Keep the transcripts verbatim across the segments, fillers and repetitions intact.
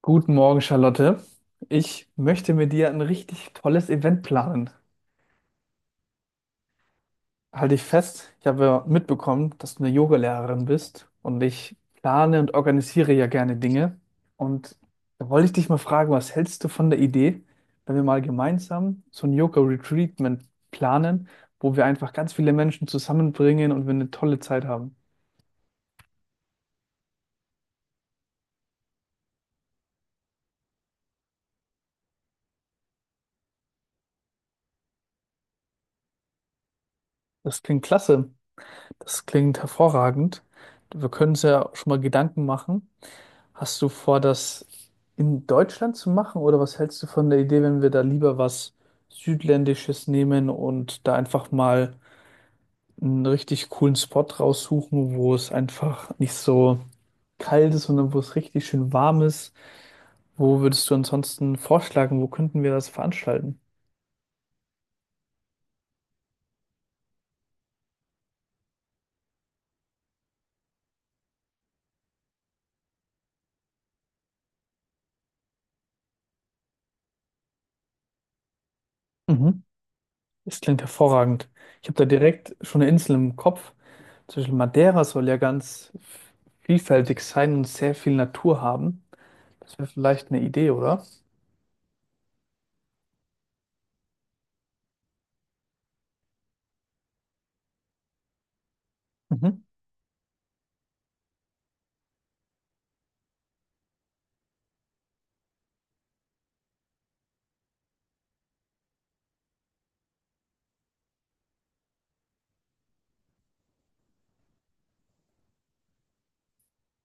Guten Morgen, Charlotte. Ich möchte mit dir ein richtig tolles Event planen. Halte dich fest, ich habe ja mitbekommen, dass du eine Yogalehrerin bist und ich plane und organisiere ja gerne Dinge. Und da wollte ich dich mal fragen, was hältst du von der Idee, wenn wir mal gemeinsam so ein Yoga-Retreatment planen, wo wir einfach ganz viele Menschen zusammenbringen und wir eine tolle Zeit haben? Das klingt klasse. Das klingt hervorragend. Wir können uns ja schon mal Gedanken machen. Hast du vor, das in Deutschland zu machen, oder was hältst du von der Idee, wenn wir da lieber was Südländisches nehmen und da einfach mal einen richtig coolen Spot raussuchen, wo es einfach nicht so kalt ist, sondern wo es richtig schön warm ist? Wo würdest du ansonsten vorschlagen, wo könnten wir das veranstalten? Mhm. Das klingt hervorragend. Ich habe da direkt schon eine Insel im Kopf. Zum Beispiel Madeira soll ja ganz vielfältig sein und sehr viel Natur haben. Das wäre vielleicht eine Idee, oder? Mhm.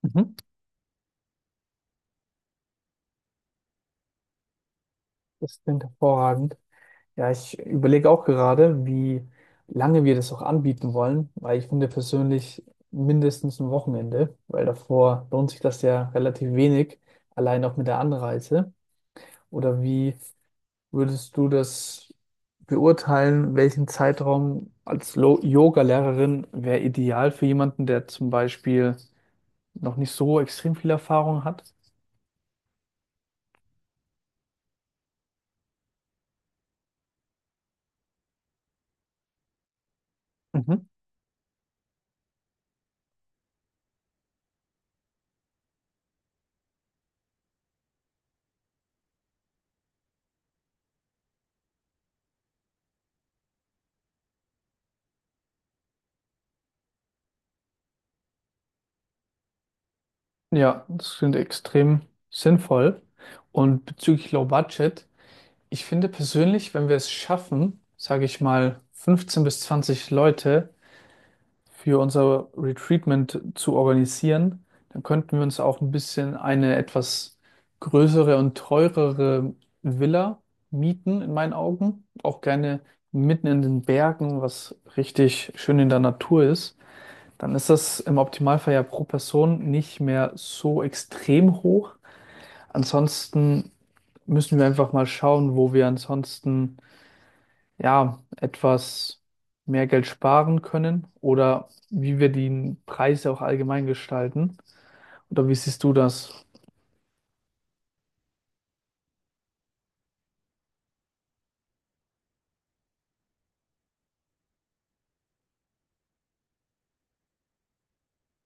Mhm. Das klingt hervorragend. Ja, ich überlege auch gerade, wie lange wir das auch anbieten wollen, weil ich finde persönlich mindestens ein Wochenende, weil davor lohnt sich das ja relativ wenig, allein auch mit der Anreise. Oder wie würdest du das beurteilen, welchen Zeitraum als Lo- Yoga-Lehrerin wäre ideal für jemanden, der zum Beispiel noch nicht so extrem viel Erfahrung hat? Ja, das klingt extrem sinnvoll. Und bezüglich Low Budget, ich finde persönlich, wenn wir es schaffen, sage ich mal, fünfzehn bis zwanzig Leute für unser Retreatment zu organisieren, dann könnten wir uns auch ein bisschen eine etwas größere und teurere Villa mieten, in meinen Augen. Auch gerne mitten in den Bergen, was richtig schön in der Natur ist. Dann ist das im Optimalfall ja pro Person nicht mehr so extrem hoch. Ansonsten müssen wir einfach mal schauen, wo wir ansonsten ja etwas mehr Geld sparen können oder wie wir die Preise auch allgemein gestalten. Oder wie siehst du das?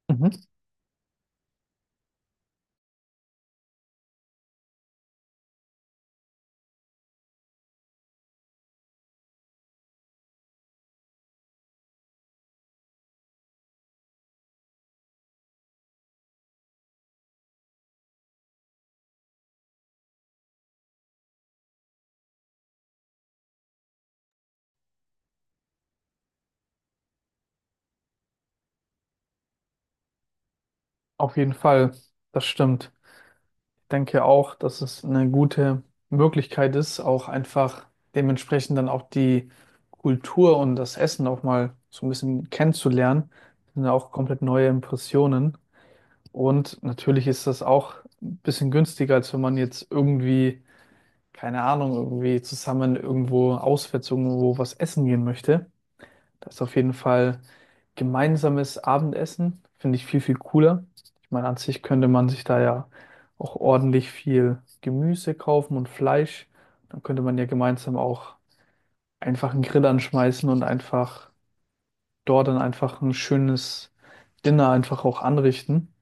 Mhm. Auf jeden Fall, das stimmt. Denke auch, dass es eine gute Möglichkeit ist, auch einfach dementsprechend dann auch die Kultur und das Essen auch mal so ein bisschen kennenzulernen. Das sind ja auch komplett neue Impressionen. Und natürlich ist das auch ein bisschen günstiger, als wenn man jetzt irgendwie, keine Ahnung, irgendwie zusammen irgendwo auswärts irgendwo was essen gehen möchte. Das ist auf jeden Fall, gemeinsames Abendessen finde ich viel, viel cooler. Ich meine, an sich könnte man sich da ja auch ordentlich viel Gemüse kaufen und Fleisch. Dann könnte man ja gemeinsam auch einfach einen Grill anschmeißen und einfach dort dann einfach ein schönes Dinner einfach auch anrichten.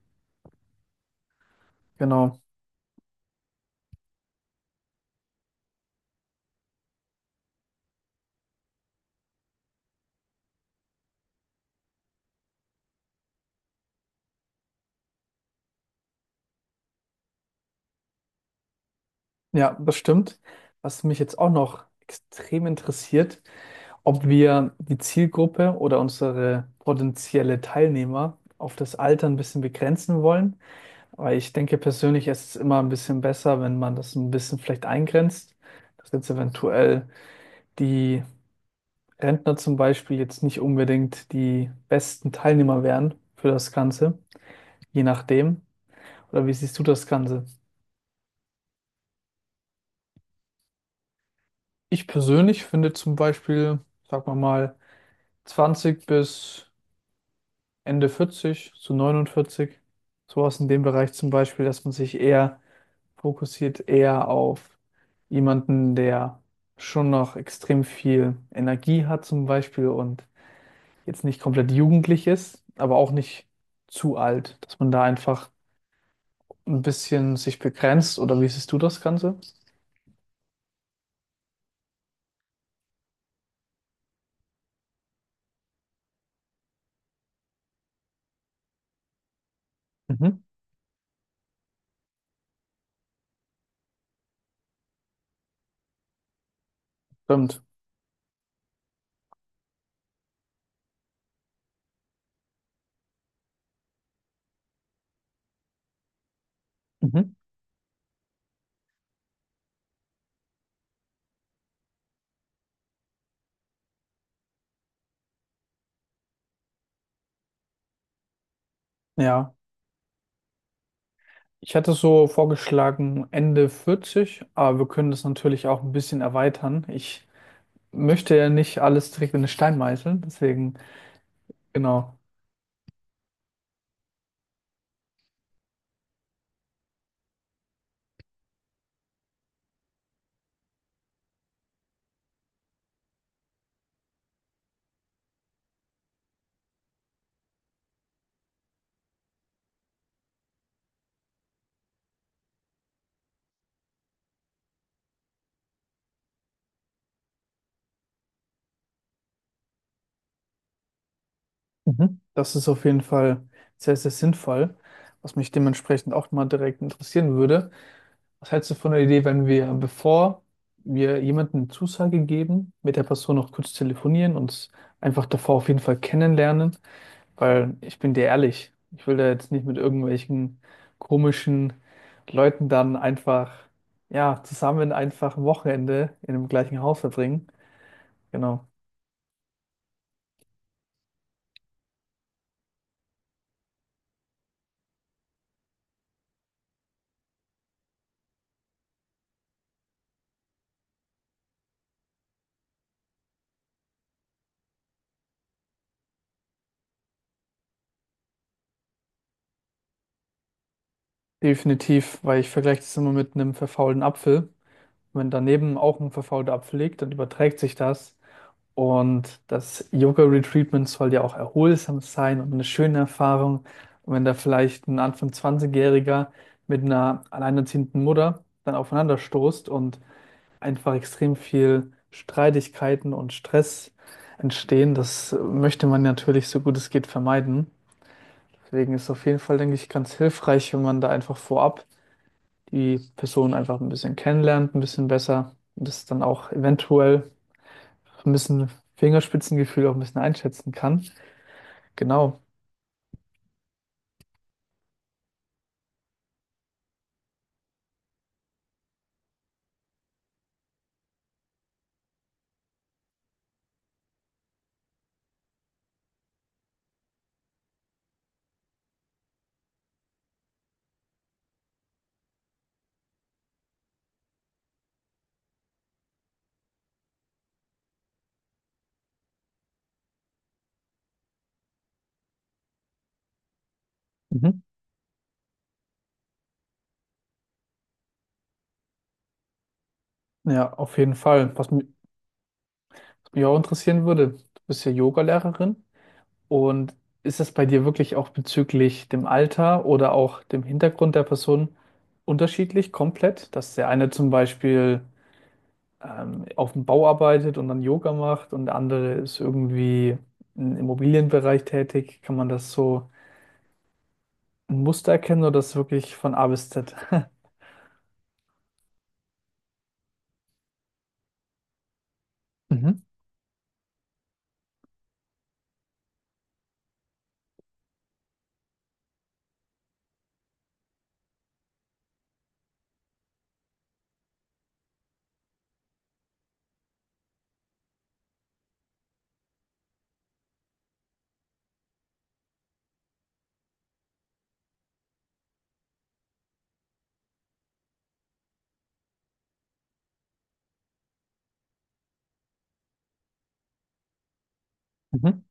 Genau. Ja, das stimmt. Was mich jetzt auch noch extrem interessiert, ob wir die Zielgruppe oder unsere potenzielle Teilnehmer auf das Alter ein bisschen begrenzen wollen. Aber ich denke persönlich, es ist immer ein bisschen besser, wenn man das ein bisschen vielleicht eingrenzt, dass jetzt eventuell die Rentner zum Beispiel jetzt nicht unbedingt die besten Teilnehmer wären für das Ganze, je nachdem. Oder wie siehst du das Ganze? Ich persönlich finde zum Beispiel, sagen wir mal, zwanzig bis Ende vierzig zu neunundvierzig, sowas in dem Bereich zum Beispiel, dass man sich eher fokussiert, eher auf jemanden, der schon noch extrem viel Energie hat zum Beispiel und jetzt nicht komplett jugendlich ist, aber auch nicht zu alt, dass man da einfach ein bisschen sich begrenzt, oder wie siehst du das Ganze? Mhm. Stimmt. Mhm. Ja. Ich hatte so vorgeschlagen Ende vierzig, aber wir können das natürlich auch ein bisschen erweitern. Ich möchte ja nicht alles direkt in den Stein meißeln. Deswegen, genau. Mhm. Das ist auf jeden Fall sehr, sehr sinnvoll, was mich dementsprechend auch mal direkt interessieren würde. Was hältst du von der Idee, wenn wir, bevor wir jemandem eine Zusage geben, mit der Person noch kurz telefonieren, uns einfach davor auf jeden Fall kennenlernen? Weil ich bin dir ehrlich, ich will da jetzt nicht mit irgendwelchen komischen Leuten dann einfach, ja, zusammen einfach ein Wochenende in dem gleichen Haus verbringen. Genau. Definitiv, weil ich vergleiche das immer mit einem verfaulten Apfel. Wenn daneben auch ein verfaulter Apfel liegt, dann überträgt sich das. Und das Yoga-Retreatment soll ja auch erholsam sein und eine schöne Erfahrung. Und wenn da vielleicht ein Anfang zwanzigjähriger jähriger mit einer alleinerziehenden Mutter dann aufeinander stoßt und einfach extrem viel Streitigkeiten und Stress entstehen, das möchte man natürlich so gut es geht vermeiden. Deswegen ist auf jeden Fall, denke ich, ganz hilfreich, wenn man da einfach vorab die Person einfach ein bisschen kennenlernt, ein bisschen besser und das dann auch eventuell ein bisschen Fingerspitzengefühl auch ein bisschen einschätzen kann. Genau. Mhm. Ja, auf jeden Fall. Was mi- was mich auch interessieren würde, du bist ja Yogalehrerin und ist das bei dir wirklich auch bezüglich dem Alter oder auch dem Hintergrund der Person unterschiedlich, komplett? Dass der eine zum Beispiel ähm, auf dem Bau arbeitet und dann Yoga macht und der andere ist irgendwie im Immobilienbereich tätig. Kann man das so ein Muster erkennen oder das wirklich von A bis Z? Mhm. Mhm.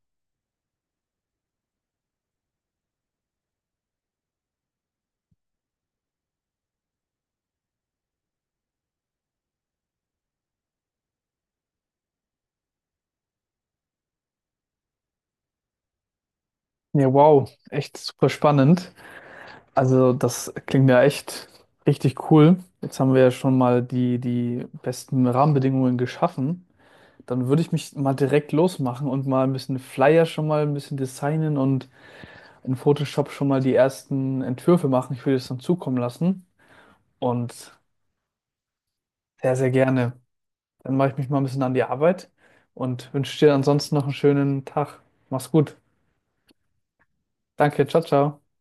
Ja, wow, echt super spannend. Also das klingt ja echt richtig cool. Jetzt haben wir ja schon mal die, die besten Rahmenbedingungen geschaffen. Dann würde ich mich mal direkt losmachen und mal ein bisschen Flyer schon mal ein bisschen designen und in Photoshop schon mal die ersten Entwürfe machen. Ich würde es dann zukommen lassen und sehr, sehr gerne. Dann mache ich mich mal ein bisschen an die Arbeit und wünsche dir ansonsten noch einen schönen Tag. Mach's gut. Danke, ciao, ciao.